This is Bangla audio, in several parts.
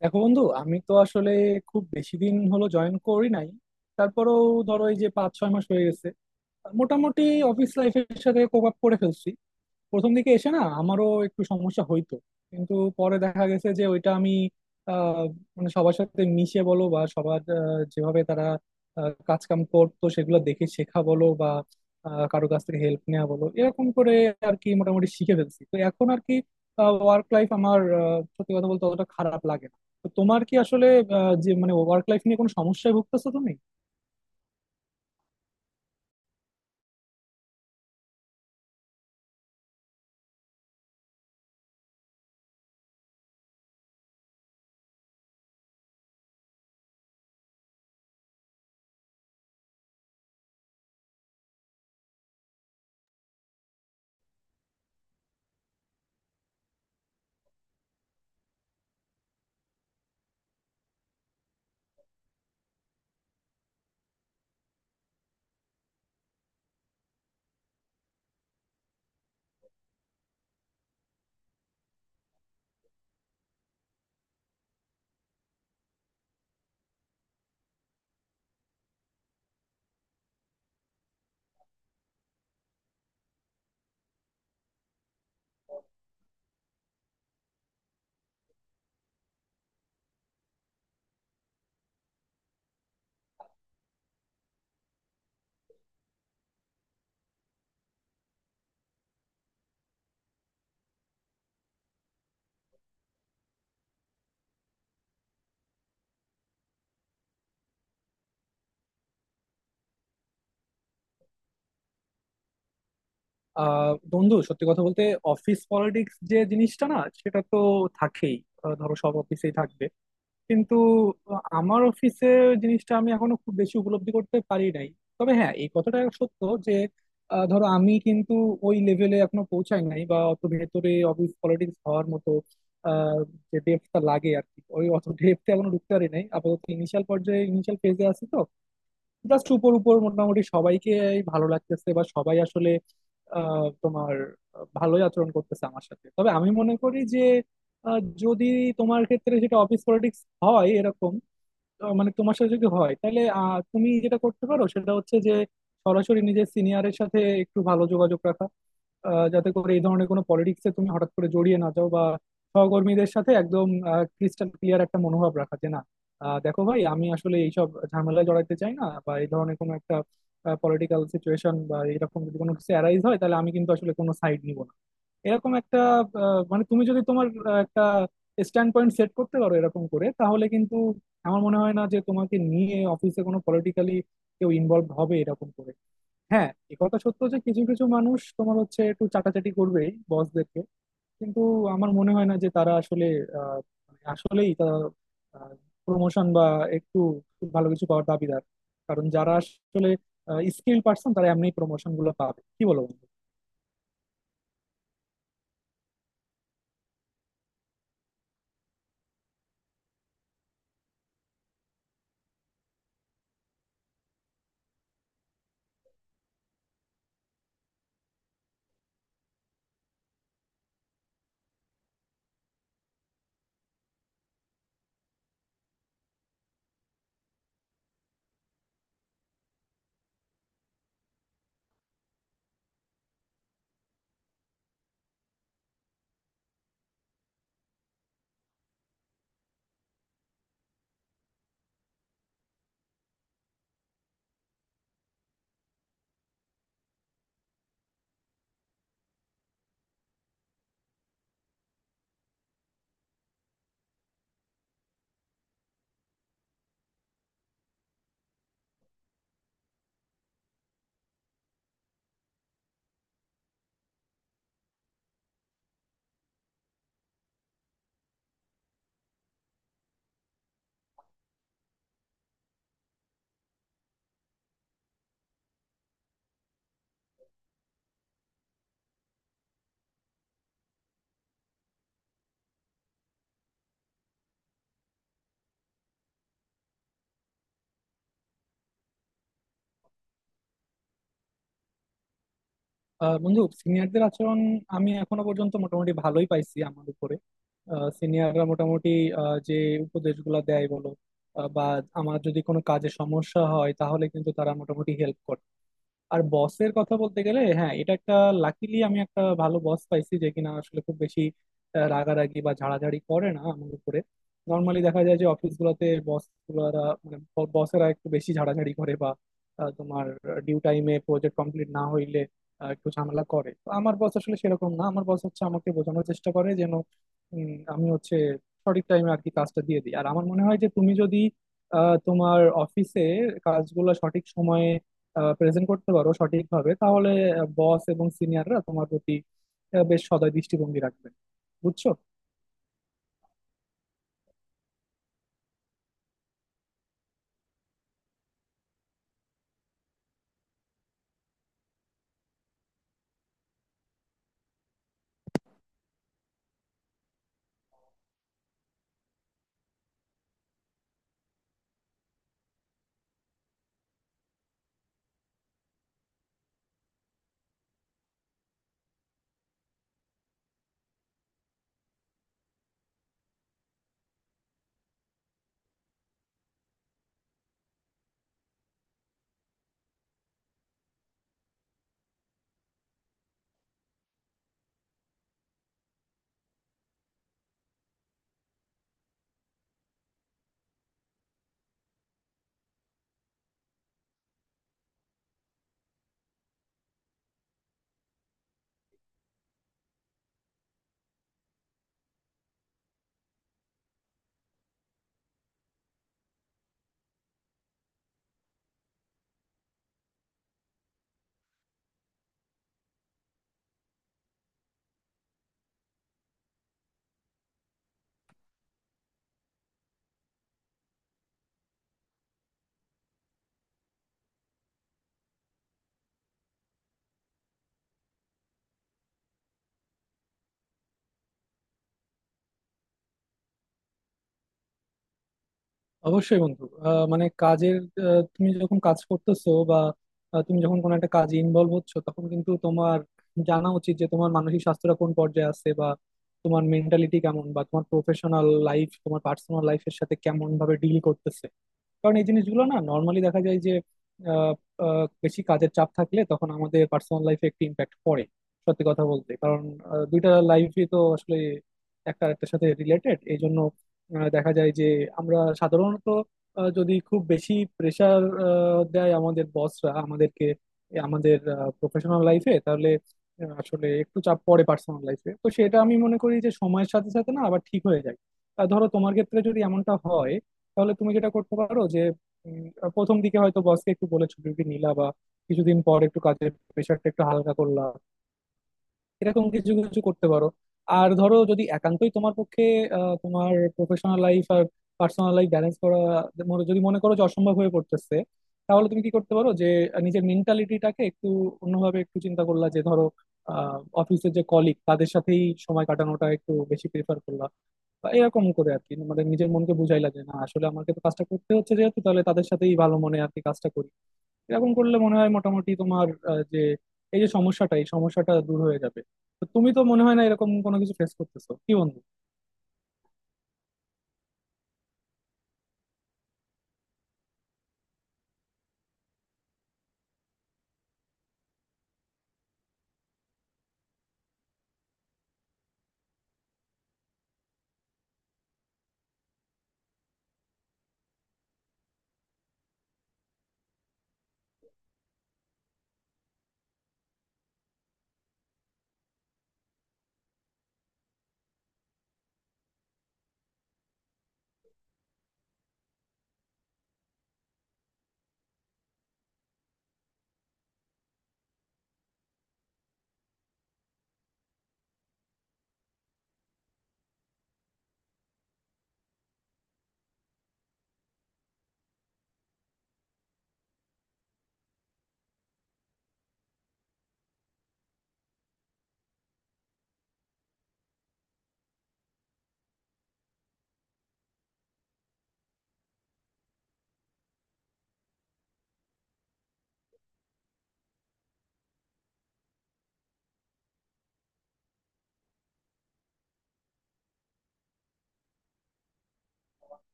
দেখো বন্ধু, আমি তো আসলে খুব বেশি দিন হলো জয়েন করি নাই। তারপরেও ধরো এই যে 5-6 মাস হয়ে গেছে, মোটামুটি অফিস লাইফের সাথে কোপ আপ করে ফেলছি। প্রথম দিকে এসে না আমারও একটু সমস্যা হইতো, কিন্তু পরে দেখা গেছে যে ওইটা আমি আহ, মানে সবার সাথে মিশে বলো বা সবার যেভাবে তারা কাজ কাম করতো সেগুলো দেখে শেখা বলো বা কারো কাছ থেকে হেল্প নেওয়া বলো, এরকম করে আর কি মোটামুটি শিখে ফেলছি। তো এখন আর কি ওয়ার্ক লাইফ আমার সত্যি কথা বলতে অতটা খারাপ লাগে না। তো তোমার কি আসলে যে মানে ওয়ার্ক লাইফ নিয়ে কোনো সমস্যায় ভুগতেছো তুমি? বন্ধু, সত্যি কথা বলতে অফিস পলিটিক্স যে জিনিসটা না, সেটা তো থাকেই। ধরো সব অফিসেই থাকবে। কিন্তু আমার অফিসে জিনিসটা আমি এখনো খুব বেশি উপলব্ধি করতে পারি নাই। তবে হ্যাঁ, এই কথাটা সত্য যে ধরো আমি কিন্তু ওই লেভেলে এখনো পৌঁছাই নাই বা অত ভেতরে অফিস পলিটিক্স হওয়ার মতো আহ, যে ডেপটা লাগে আর কি। ওই অত ডেপতে এখনো ঢুকতে পারি নাই, আপাতত ইনিশিয়াল পর্যায়ে, ইনিশিয়াল ফেজে আছি। তো জাস্ট উপর উপর মোটামুটি সবাইকে ভালো লাগতেছে বা সবাই আসলে আহ, তোমার ভালোই আচরণ করতেছে আমার সাথে। তবে আমি মনে করি যে যদি তোমার ক্ষেত্রে সেটা অফিস পলিটিক্স হয়, এরকম মানে তোমার সাথে যদি হয়, তাহলে তুমি যেটা করতে পারো সেটা হচ্ছে যে সরাসরি নিজের সিনিয়রের সাথে একটু ভালো যোগাযোগ রাখা। যাতে করে এই ধরনের কোনো পলিটিক্সে তুমি হঠাৎ করে জড়িয়ে না যাও, বা সহকর্মীদের সাথে একদম ক্রিস্টাল ক্লিয়ার একটা মনোভাব রাখা যে না, দেখো ভাই, আমি আসলে এইসব ঝামেলায় জড়াইতে চাই না, বা এই ধরনের কোনো একটা পলিটিক্যাল সিচুয়েশন বা এরকম যদি কোনো কিছু অ্যারাইজ হয় তাহলে আমি কিন্তু আসলে কোনো সাইড নিব না, এরকম একটা মানে তুমি যদি তোমার একটা স্ট্যান্ড পয়েন্ট সেট করতে পারো এরকম করে, তাহলে কিন্তু আমার মনে হয় না যে তোমাকে নিয়ে অফিসে কোনো পলিটিক্যালি কেউ ইনভলভ হবে এরকম করে। হ্যাঁ, এ কথা সত্য যে কিছু কিছু মানুষ তোমার হচ্ছে একটু চাটাচাটি করবেই বসদেরকে। কিন্তু আমার মনে হয় না যে তারা আসলে আহ, মানে আসলেই তারা প্রমোশন বা একটু ভালো কিছু পাওয়ার দাবিদার। কারণ যারা আসলে স্কিল পার্সন, তারা এমনি প্রমোশন গুলো পাবে, কি বলো বন্ধু? বন্ধু, সিনিয়রদের আচরণ আমি এখনো পর্যন্ত মোটামুটি ভালোই পাইছি। আমার উপরে সিনিয়ররা মোটামুটি যে উপদেশগুলো দেয় বলো, বা আমার যদি কোনো কাজে সমস্যা হয় তাহলে কিন্তু তারা মোটামুটি হেল্প করে। আর বসের কথা বলতে গেলে, হ্যাঁ, এটা একটা, লাকিলি আমি একটা ভালো বস পাইছি যে কিনা আসলে খুব বেশি রাগারাগি বা ঝাড়াঝাড়ি করে না আমার উপরে। নর্মালি দেখা যায় যে অফিস গুলোতে বস গুলারা, মানে বসেরা একটু বেশি ঝাড়াঝাড়ি করে বা তোমার ডিউ টাইমে প্রজেক্ট কমপ্লিট না হইলে একটু ঝামেলা করে। তো আমার বস আসলে সেরকম না, আমার বস হচ্ছে আমাকে বোঝানোর চেষ্টা করে যেন আমি হচ্ছে সঠিক টাইমে আর কি কাজটা দিয়ে দিই। আর আমার মনে হয় যে তুমি যদি তোমার অফিসে কাজগুলো সঠিক সময়ে প্রেজেন্ট করতে পারো সঠিকভাবে, তাহলে বস এবং সিনিয়ররা তোমার প্রতি বেশ সদয় দৃষ্টিভঙ্গি রাখবে। বুঝছো? অবশ্যই বন্ধু। মানে কাজের তুমি যখন কাজ করতেছো বা তুমি যখন কোনো একটা কাজে ইনভলভ হচ্ছ, তখন কিন্তু তোমার জানা উচিত যে তোমার মানসিক স্বাস্থ্যটা কোন পর্যায়ে আছে, বা তোমার মেন্টালিটি কেমন, বা তোমার প্রফেশনাল লাইফ তোমার পার্সোনাল লাইফের সাথে কেমন ভাবে ডিল করতেছে। কারণ এই জিনিসগুলো না, নর্মালি দেখা যায় যে আহ, আহ, বেশি কাজের চাপ থাকলে তখন আমাদের পার্সোনাল লাইফে একটি ইম্প্যাক্ট পড়ে। সত্যি কথা বলতে কারণ দুইটা লাইফই তো আসলে একটা আরেকটার সাথে রিলেটেড। এই জন্য দেখা যায় যে আমরা সাধারণত যদি খুব বেশি প্রেশার দেয় আমাদের বসরা আমাদেরকে এ আমাদের প্রফেশনাল লাইফে, তাহলে আসলে একটু চাপ পড়ে পার্সোনাল লাইফে। তো সেটা আমি মনে করি যে সময়ের সাথে সাথে না আবার ঠিক হয়ে যায়। ধরো তোমার ক্ষেত্রে যদি এমনটা হয়, তাহলে তুমি যেটা করতে পারো যে উম, প্রথম দিকে হয়তো বসকে একটু বলে ছুটি নিলা, বা কিছুদিন পর একটু কাজের প্রেশারটা একটু হালকা করলা, এরকম কিছু কিছু করতে পারো। আর ধরো যদি একান্তই তোমার পক্ষে তোমার প্রফেশনাল লাইফ আর পার্সোনাল লাইফ ব্যালেন্স করা যদি মনে করো যে অসম্ভব হয়ে পড়তেছে, তাহলে তুমি কি করতে পারো যে নিজের মেন্টালিটিটাকে একটু অন্যভাবে একটু চিন্তা করলা। যে ধরো অফিসের যে কলিগ, তাদের সাথেই সময় কাটানোটা একটু বেশি প্রেফার করলা, বা এরকম করে আর কি। মানে নিজের মনকে বুঝাইলা যে না, আসলে আমাকে তো কাজটা করতে হচ্ছে যেহেতু, তাহলে তাদের সাথেই ভালো মনে আর কি কাজটা করি। এরকম করলে মনে হয় মোটামুটি তোমার যে এই যে সমস্যাটা, এই সমস্যাটা দূর হয়ে যাবে। তো তুমি তো মনে হয় না এরকম কোনো কিছু ফেস করতেছো, কি বন্ধু?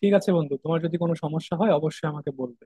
ঠিক আছে বন্ধু, তোমার যদি কোনো সমস্যা হয় অবশ্যই আমাকে বলবে।